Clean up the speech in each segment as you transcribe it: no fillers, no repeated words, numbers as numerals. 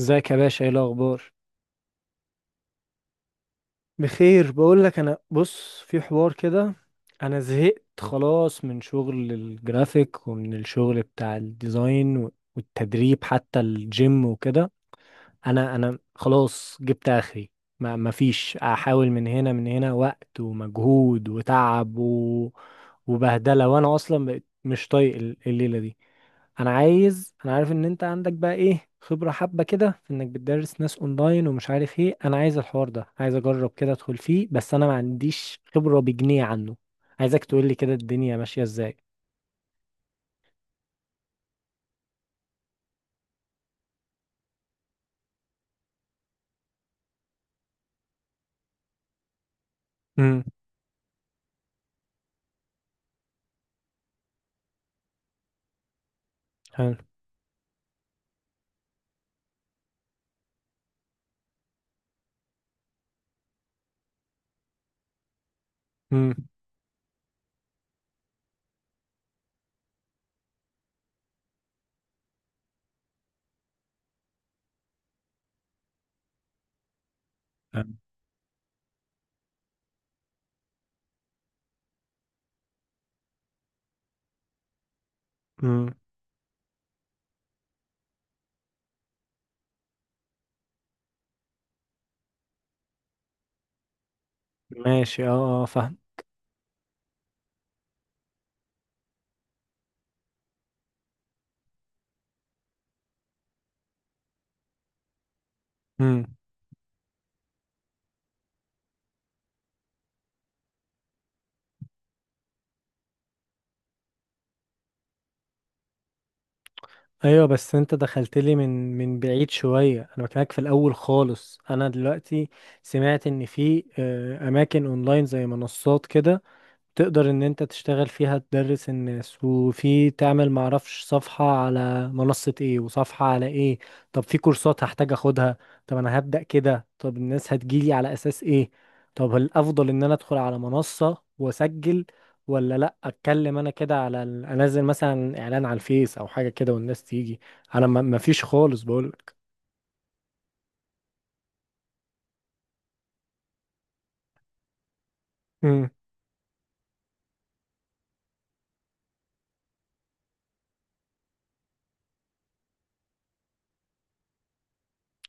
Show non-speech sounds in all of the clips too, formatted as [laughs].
ازيك يا باشا؟ ايه الاخبار؟ بخير. بقول لك، انا بص في حوار كده. انا زهقت خلاص من شغل الجرافيك ومن الشغل بتاع الديزاين والتدريب حتى الجيم وكده. انا خلاص جبت اخري. ما فيش، احاول من هنا من هنا وقت ومجهود وتعب وبهدلة، وانا اصلا بقيت مش طايق الليلة دي. انا عارف ان انت عندك بقى ايه خبرة حبة كده في انك بتدرس ناس اونلاين ومش عارف ايه، انا عايز الحوار ده، عايز اجرب كده ادخل فيه، بس انا ما عنديش خبرة بجنيه عنه. عايزك تقول لي كده الدنيا ماشية ازاي. امم. حلو امم فاهم؟ امم. ماشي، اه، اه، فاهم. امم. ايوه، بس انت دخلت لي من بعيد شوية. انا بكلمك في الاول خالص. انا دلوقتي سمعت ان في اماكن اونلاين زي منصات كده، تقدر ان انت تشتغل فيها تدرس الناس، وفي تعمل معرفش صفحة على منصة ايه وصفحة على ايه. طب في كورسات هحتاج اخدها؟ طب انا هبدأ كده، طب الناس هتجيلي على اساس ايه؟ طب الافضل ان انا ادخل على منصة واسجل، ولا لا اتكلم انا كده على انزل مثلا اعلان على الفيس او حاجة كده والناس تيجي؟ انا ما فيش خالص بقولك. امم.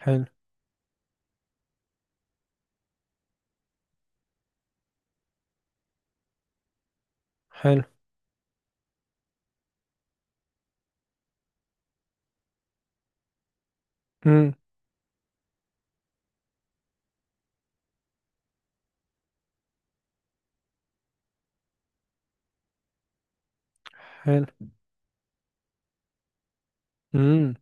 حلو. حلو. امم. حلو. امم.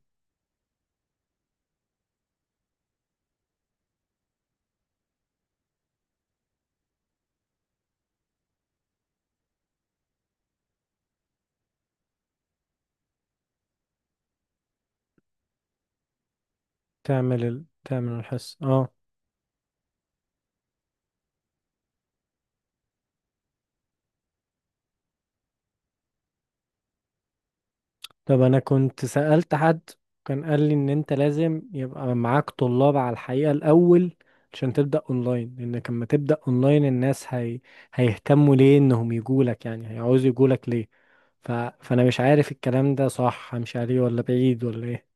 تعمل الحس اه. طب انا كنت سألت حد، كان قال لي ان انت لازم يبقى معاك طلاب على الحقيقة الاول عشان تبدأ اونلاين، لانك لما تبدأ اونلاين الناس هيهتموا ليه انهم يجولك؟ يعني هيعوزوا يجولك ليه؟ فانا مش عارف الكلام ده صح همشي عليه ولا بعيد ولا ايه.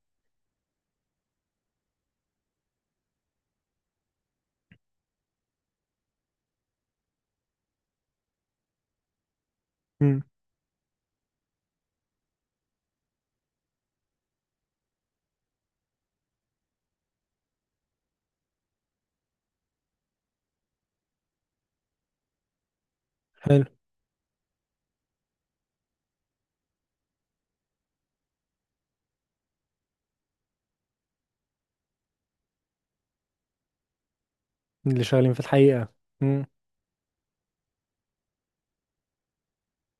امم. حلو. اللي شغالين في الحقيقة. امم.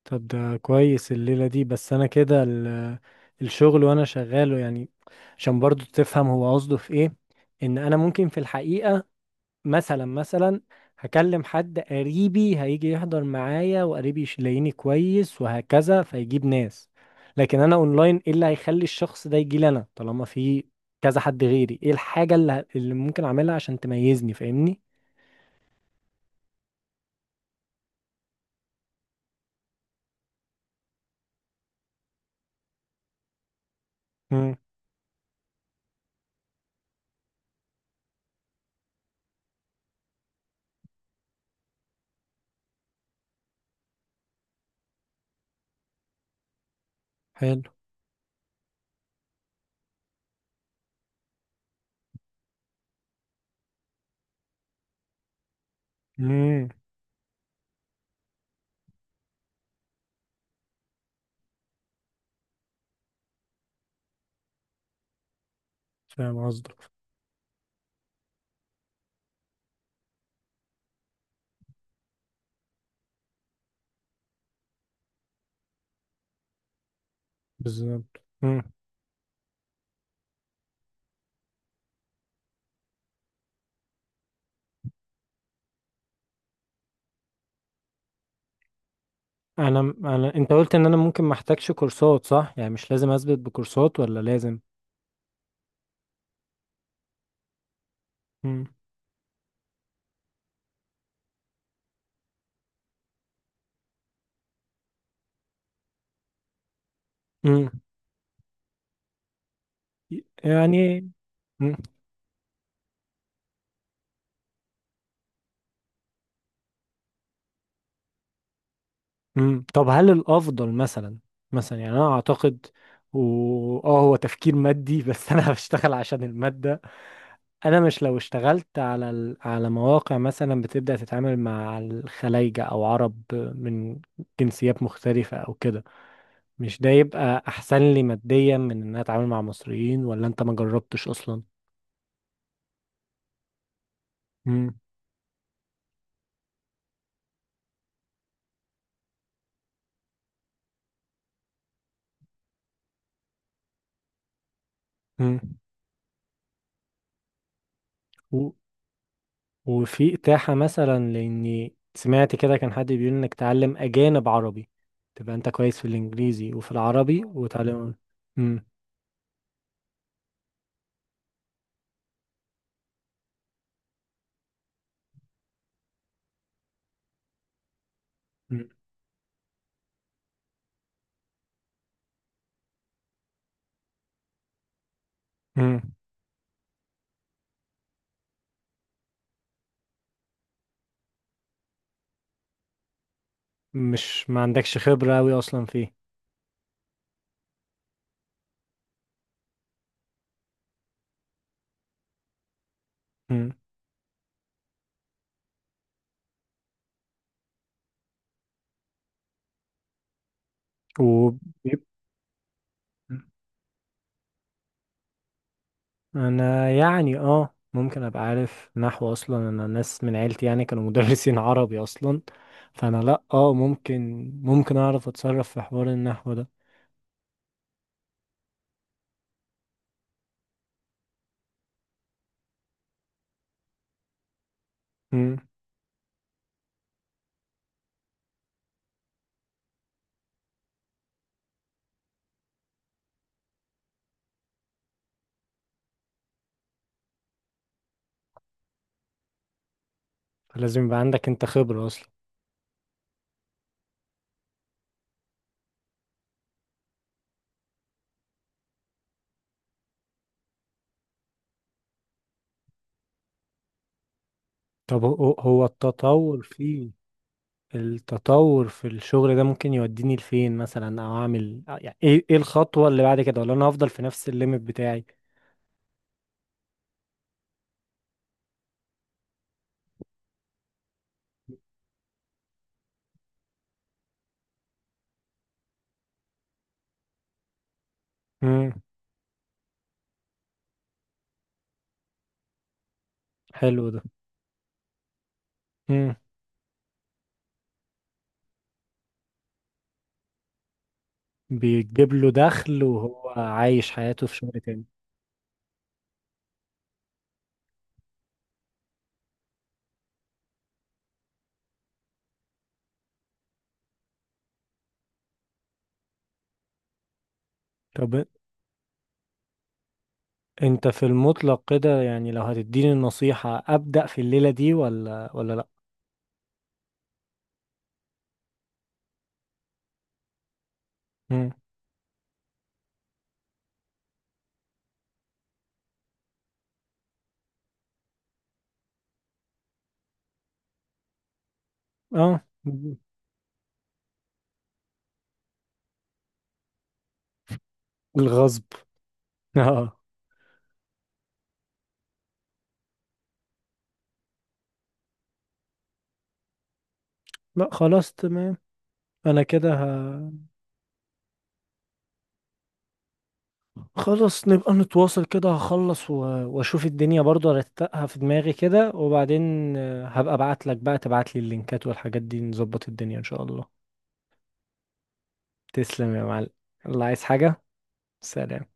طب ده كويس. الليلة دي بس انا كده الشغل وانا شغاله يعني. عشان برضو تفهم هو قصده في ايه. ان انا ممكن في الحقيقة، مثلا هكلم حد قريبي هيجي يحضر معايا وقريبي يلاقيني كويس وهكذا فيجيب ناس. لكن انا اونلاين، ايه اللي هيخلي الشخص ده يجي لي انا طالما في كذا حد غيري؟ ايه الحاجة اللي، اللي ممكن اعملها عشان تميزني؟ فاهمني؟ امم. حلو. امم. فاهم قصدك. بالظبط. امم. انا انت قلت ان انا ممكن ما احتاجش كورسات صح؟ يعني مش لازم اثبت بكورسات ولا لازم؟ امم. امم. يعني مم. طب هل الافضل مثلا، مثلا يعني انا اعتقد هو تفكير مادي بس [laughs] انا بشتغل عشان المادة. انا مش لو اشتغلت على على مواقع مثلا بتبدأ تتعامل مع الخلايجة او عرب من جنسيات مختلفة او كده، مش ده يبقى احسن لي ماديا من ان انا اتعامل مع مصريين؟ ولا انت ما جربتش اصلا؟ مم. مم. وفي إتاحة مثلا؟ لأني سمعت كده كان حد بيقول إنك تعلم أجانب عربي، تبقى أنت كويس في الإنجليزي وفي العربي وتعلم. مم. مم. مم. مش ما عندكش خبرة أوي أصلا فيه. مم. و أنا يعني ممكن أبقى عارف نحو أصلا، أنا ناس من عيلتي يعني كانوا [laughs] مدرسين عربي أصلا. فأنا لأ، ممكن أعرف أتصرف في حوار النحو ده. مم. فلازم يبقى عندك أنت خبرة أصلا. طب هو هو التطور فيه، التطور في الشغل ده ممكن يوديني لفين مثلا، او اعمل يعني ايه الخطوة اللي بعد كده؟ ولا انا هفضل في نفس الليميت بتاعي؟ امم. حلو ده. امم. بيجيب له دخل وهو عايش حياته في شغل تاني. طب انت في المطلق كده، يعني لو هتديني النصيحة، ابدأ في الليلة دي ولا لا؟ امم. اه، الغصب. [laughs] اه. لا خلاص تمام، انا كده خلاص. نبقى نتواصل كده. هخلص واشوف الدنيا برضو، ارتقها في دماغي كده، وبعدين هبقى ابعت لك بقى، تبعت لي اللينكات والحاجات دي، نظبط الدنيا ان شاء الله. تسلم يا معلم. الله، عايز حاجة؟ سلام.